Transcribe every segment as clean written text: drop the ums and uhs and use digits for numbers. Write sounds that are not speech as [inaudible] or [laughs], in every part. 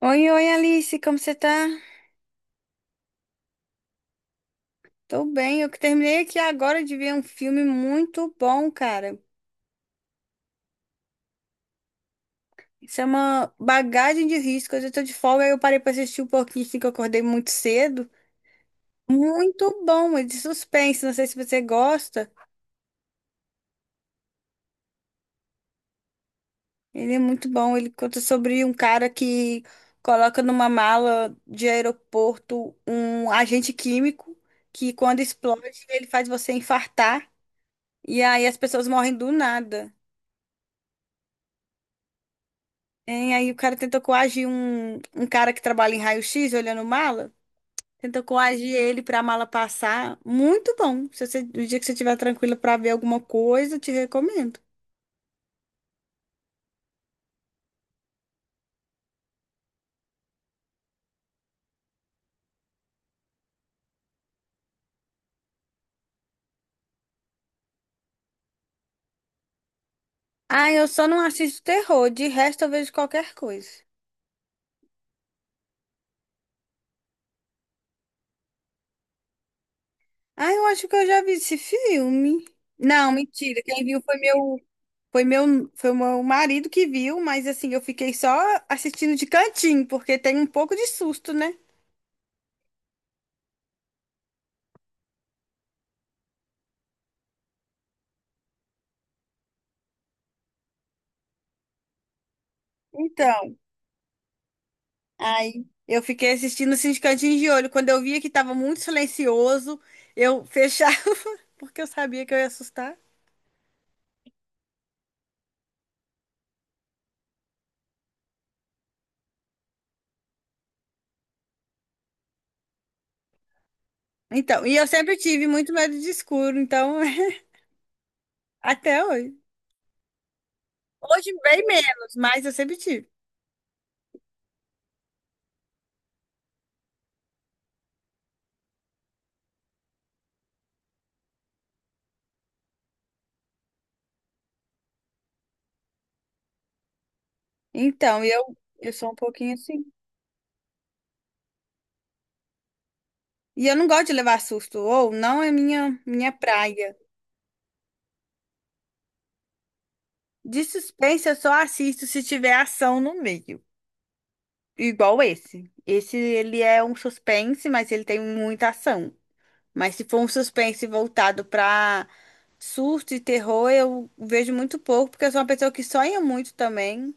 Oi, oi, Alice, como você tá? Tô bem, eu que terminei aqui agora de ver um filme muito bom, cara. Isso é uma bagagem de risco. Hoje eu tô de folga e eu parei pra assistir um pouquinho, assim, que eu acordei muito cedo. Muito bom, é de suspense, não sei se você gosta. Ele é muito bom, ele conta sobre um cara que coloca numa mala de aeroporto um agente químico que quando explode ele faz você infartar e aí as pessoas morrem do nada. Hein? Aí o cara tentou coagir um cara que trabalha em raio-x olhando mala. Tentou coagir ele para a mala passar. Muito bom. Se você, o dia que você estiver tranquila para ver alguma coisa, eu te recomendo. Ah, eu só não assisto terror. De resto, eu vejo qualquer coisa. Ah, eu acho que eu já vi esse filme. Não, mentira. Quem viu foi meu, foi meu, Foi o meu marido que viu, mas assim, eu fiquei só assistindo de cantinho, porque tem um pouco de susto, né? Então. Aí eu fiquei assistindo assim de cantinho de olho. Quando eu via que estava muito silencioso, eu fechava, [laughs] porque eu sabia que eu ia assustar. Então, e eu sempre tive muito medo de escuro, então, [laughs] até hoje. Hoje bem menos, mas eu sempre tive. Então, eu sou um pouquinho assim. E eu não gosto de levar susto, ou não é minha praia. De suspense eu só assisto se tiver ação no meio, igual esse. Esse, ele é um suspense, mas ele tem muita ação. Mas se for um suspense voltado pra surto e terror, eu vejo muito pouco, porque eu sou uma pessoa que sonha muito também.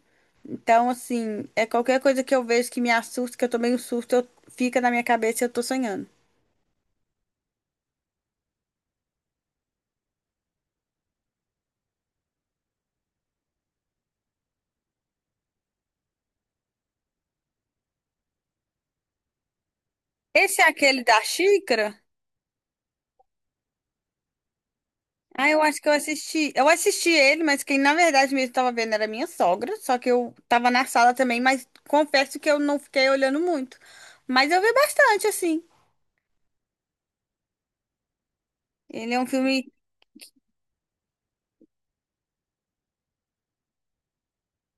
Então, assim, é qualquer coisa que eu vejo que me assusta, que eu tomei um susto, eu, fica na minha cabeça e eu tô sonhando. Esse é aquele da xícara? Ah, eu acho que eu assisti. Eu assisti ele, mas quem na verdade mesmo tava vendo era minha sogra, só que eu tava na sala também, mas confesso que eu não fiquei olhando muito. Mas eu vi bastante, assim. Ele é um filme.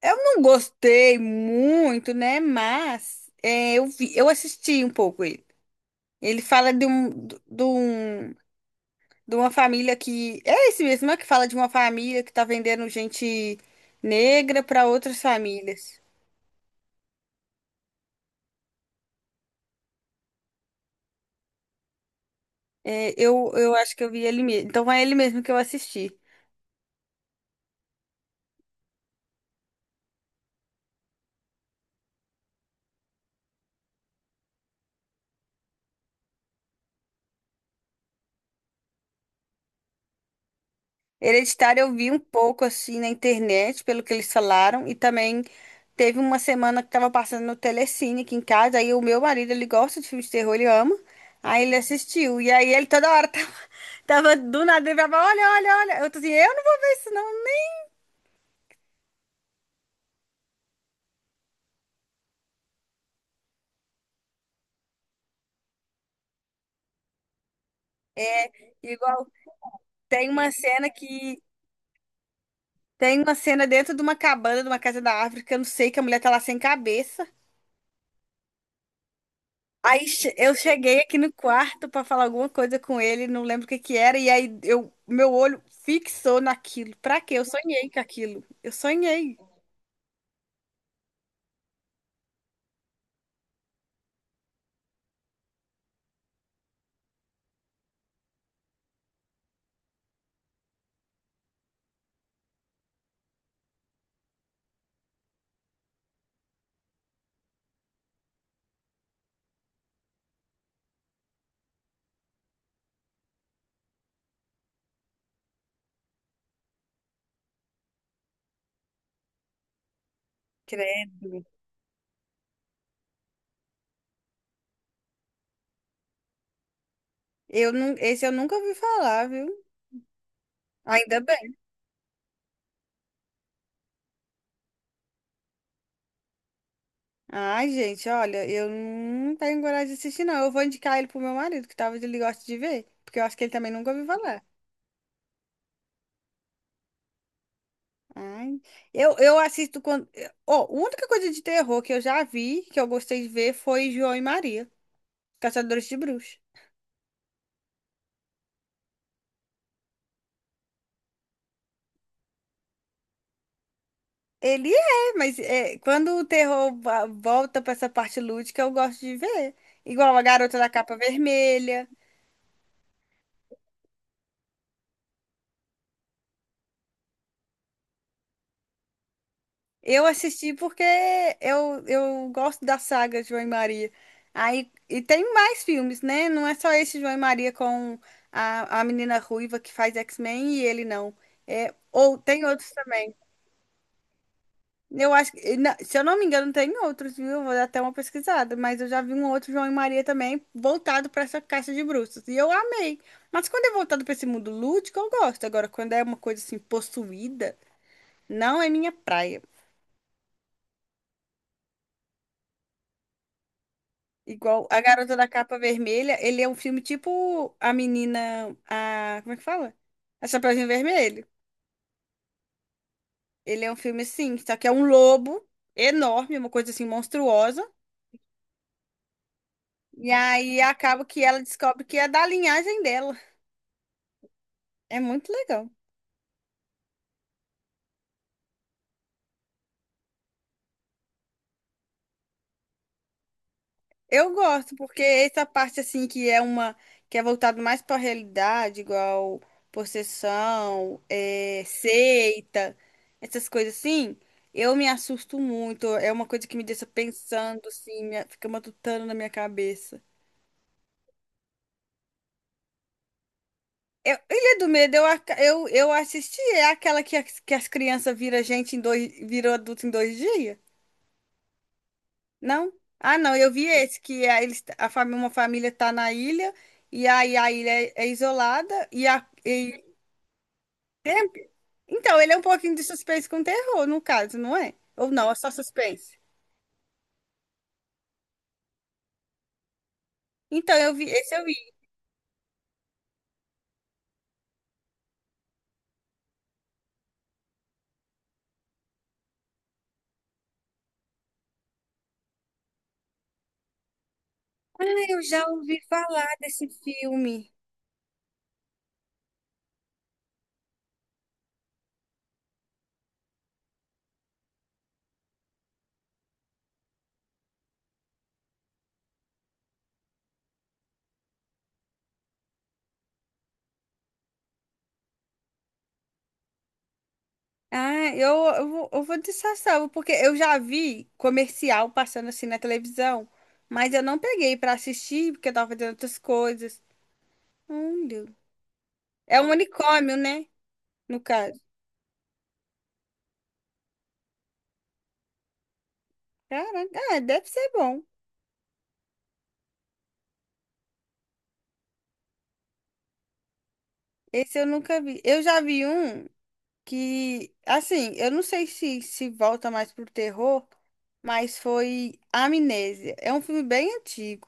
Eu não gostei muito, né? Mas é, eu vi, eu assisti um pouco ele. Ele fala de um, do- de um, de uma família que é esse mesmo, é que fala de uma família que tá vendendo gente negra para outras famílias. É, eu acho que eu vi ele mesmo. Então é ele mesmo que eu assisti. Hereditário eu vi um pouco assim na internet, pelo que eles falaram, e também teve uma semana que tava passando no Telecine aqui em casa, aí o meu marido, ele gosta de filmes de terror, ele ama, aí ele assistiu, e aí ele toda hora tava, [laughs] tava do nada, ele falava, olha, olha, olha, eu tô assim, eu não vou ver isso não. É, igual, tem uma cena que, tem uma cena dentro de uma cabana, de uma casa da África, eu não sei, que a mulher tá lá sem cabeça. Eu cheguei aqui no quarto pra falar alguma coisa com ele, não lembro o que que era, e aí eu, meu olho fixou naquilo. Pra quê? Eu sonhei com aquilo. Eu sonhei. Credo. Eu não, esse eu nunca ouvi falar, viu? Ainda bem. Ai, gente, olha, eu não tenho coragem de assistir, não. Eu vou indicar ele pro meu marido, que talvez ele goste de ver, porque eu acho que ele também nunca ouviu falar. Ai, eu assisto quando. Ó, a única coisa de terror que eu já vi, que eu gostei de ver, foi João e Maria, Caçadores de Bruxas. Ele é, mas é, quando o terror volta pra essa parte lúdica, eu gosto de ver. Igual a Garota da Capa Vermelha. Eu assisti porque eu gosto da saga João e Maria. Aí, e tem mais filmes, né? Não é só esse João e Maria com a menina ruiva que faz X-Men e ele não. É, ou tem outros. Eu acho que, se eu não me engano, tem outros, viu? Eu vou dar até uma pesquisada, mas eu já vi um outro João e Maria também voltado para essa caixa de bruxas. E eu amei. Mas quando é voltado para esse mundo lúdico, eu gosto. Agora, quando é uma coisa assim possuída, não é minha praia. Igual A Garota da Capa Vermelha, ele é um filme tipo a menina, a, como é que fala? A Chapeuzinho Vermelho. Ele é um filme assim, só que é um lobo enorme, uma coisa assim monstruosa. E aí acaba que ela descobre que é da linhagem dela. É muito legal. Eu gosto, porque essa parte assim que é uma que é voltado mais para a realidade, igual possessão, é, seita, essas coisas assim, eu me assusto muito. É uma coisa que me deixa pensando assim, fica matutando na minha cabeça. Eu, Ilha do Medo, eu assisti, é aquela que as crianças viram gente em dois, viram adulto em dois dias? Não? Ah, não, eu vi esse, que a, eles, uma família tá na ilha, e aí a ilha é, é isolada, e a... e- é, então, ele é um pouquinho de suspense com terror, no caso, não é? Ou não, é só suspense. Então, eu vi, esse eu vi. Ah, eu já ouvi falar desse filme. Ah, eu vou de Sassão, porque eu já vi comercial passando assim na televisão, mas eu não peguei pra assistir, porque eu tava fazendo outras coisas. Deus. É um unicórnio, né? No caso. Caraca, ah, deve ser bom. Esse eu nunca vi. Eu já vi um que, assim, eu não sei se se volta mais pro terror, mas foi Amnésia. É um filme bem antigo.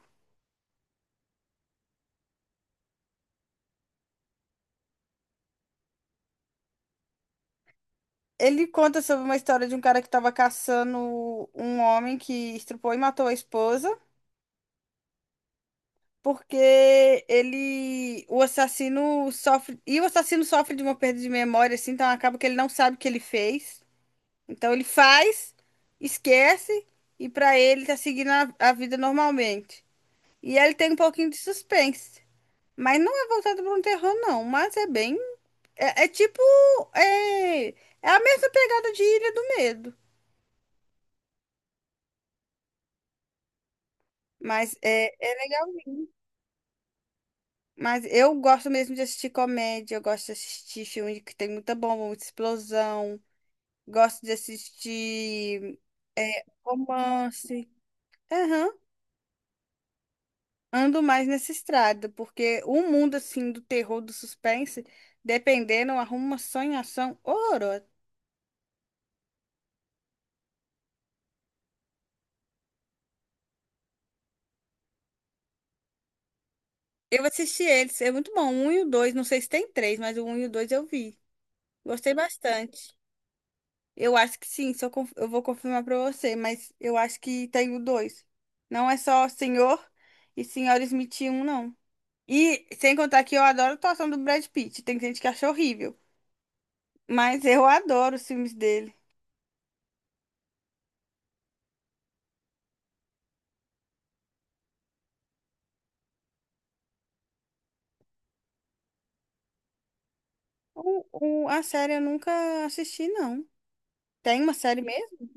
Ele conta sobre uma história de um cara que estava caçando um homem que estrupou e matou a esposa, porque ele, o assassino sofre, e o assassino sofre de uma perda de memória, assim, então acaba que ele não sabe o que ele fez. Então ele faz, esquece e pra ele tá seguindo a vida normalmente. E ele tem um pouquinho de suspense. Mas não é voltado para um terror, não. Mas é bem. É, é tipo. É, é a mesma pegada de Ilha do Medo. Mas é, é legal. Mas eu gosto mesmo de assistir comédia. Eu gosto de assistir filme que tem muita bomba, muita explosão. Gosto de assistir é, romance. Aham. Ando mais nessa estrada, porque o mundo, assim, do terror, do suspense, dependendo, arruma uma sonhação horrorosa. Eu assisti eles, é muito bom. O um e o dois, não sei se tem três, mas o um e o dois eu vi. Gostei bastante. Eu acho que sim, se eu, conf- eu vou confirmar pra você, mas eu acho que tem o dois. Não é só Senhor e Senhora Smith um não. E sem contar que eu adoro a atuação do Brad Pitt. Tem gente que acha horrível, mas eu adoro os filmes dele. A série eu nunca assisti, não. Tem uma série mesmo?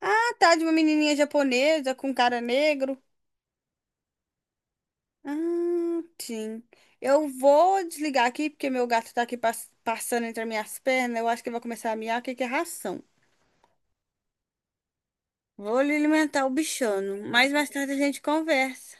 Ah, tá, de uma menininha japonesa com um cara negro. Ah, sim. Eu vou desligar aqui porque meu gato tá aqui passando entre as minhas pernas. Eu acho que ele vai começar a miar, que é ração. Vou lhe alimentar o bichano. Mas mais tarde a gente conversa.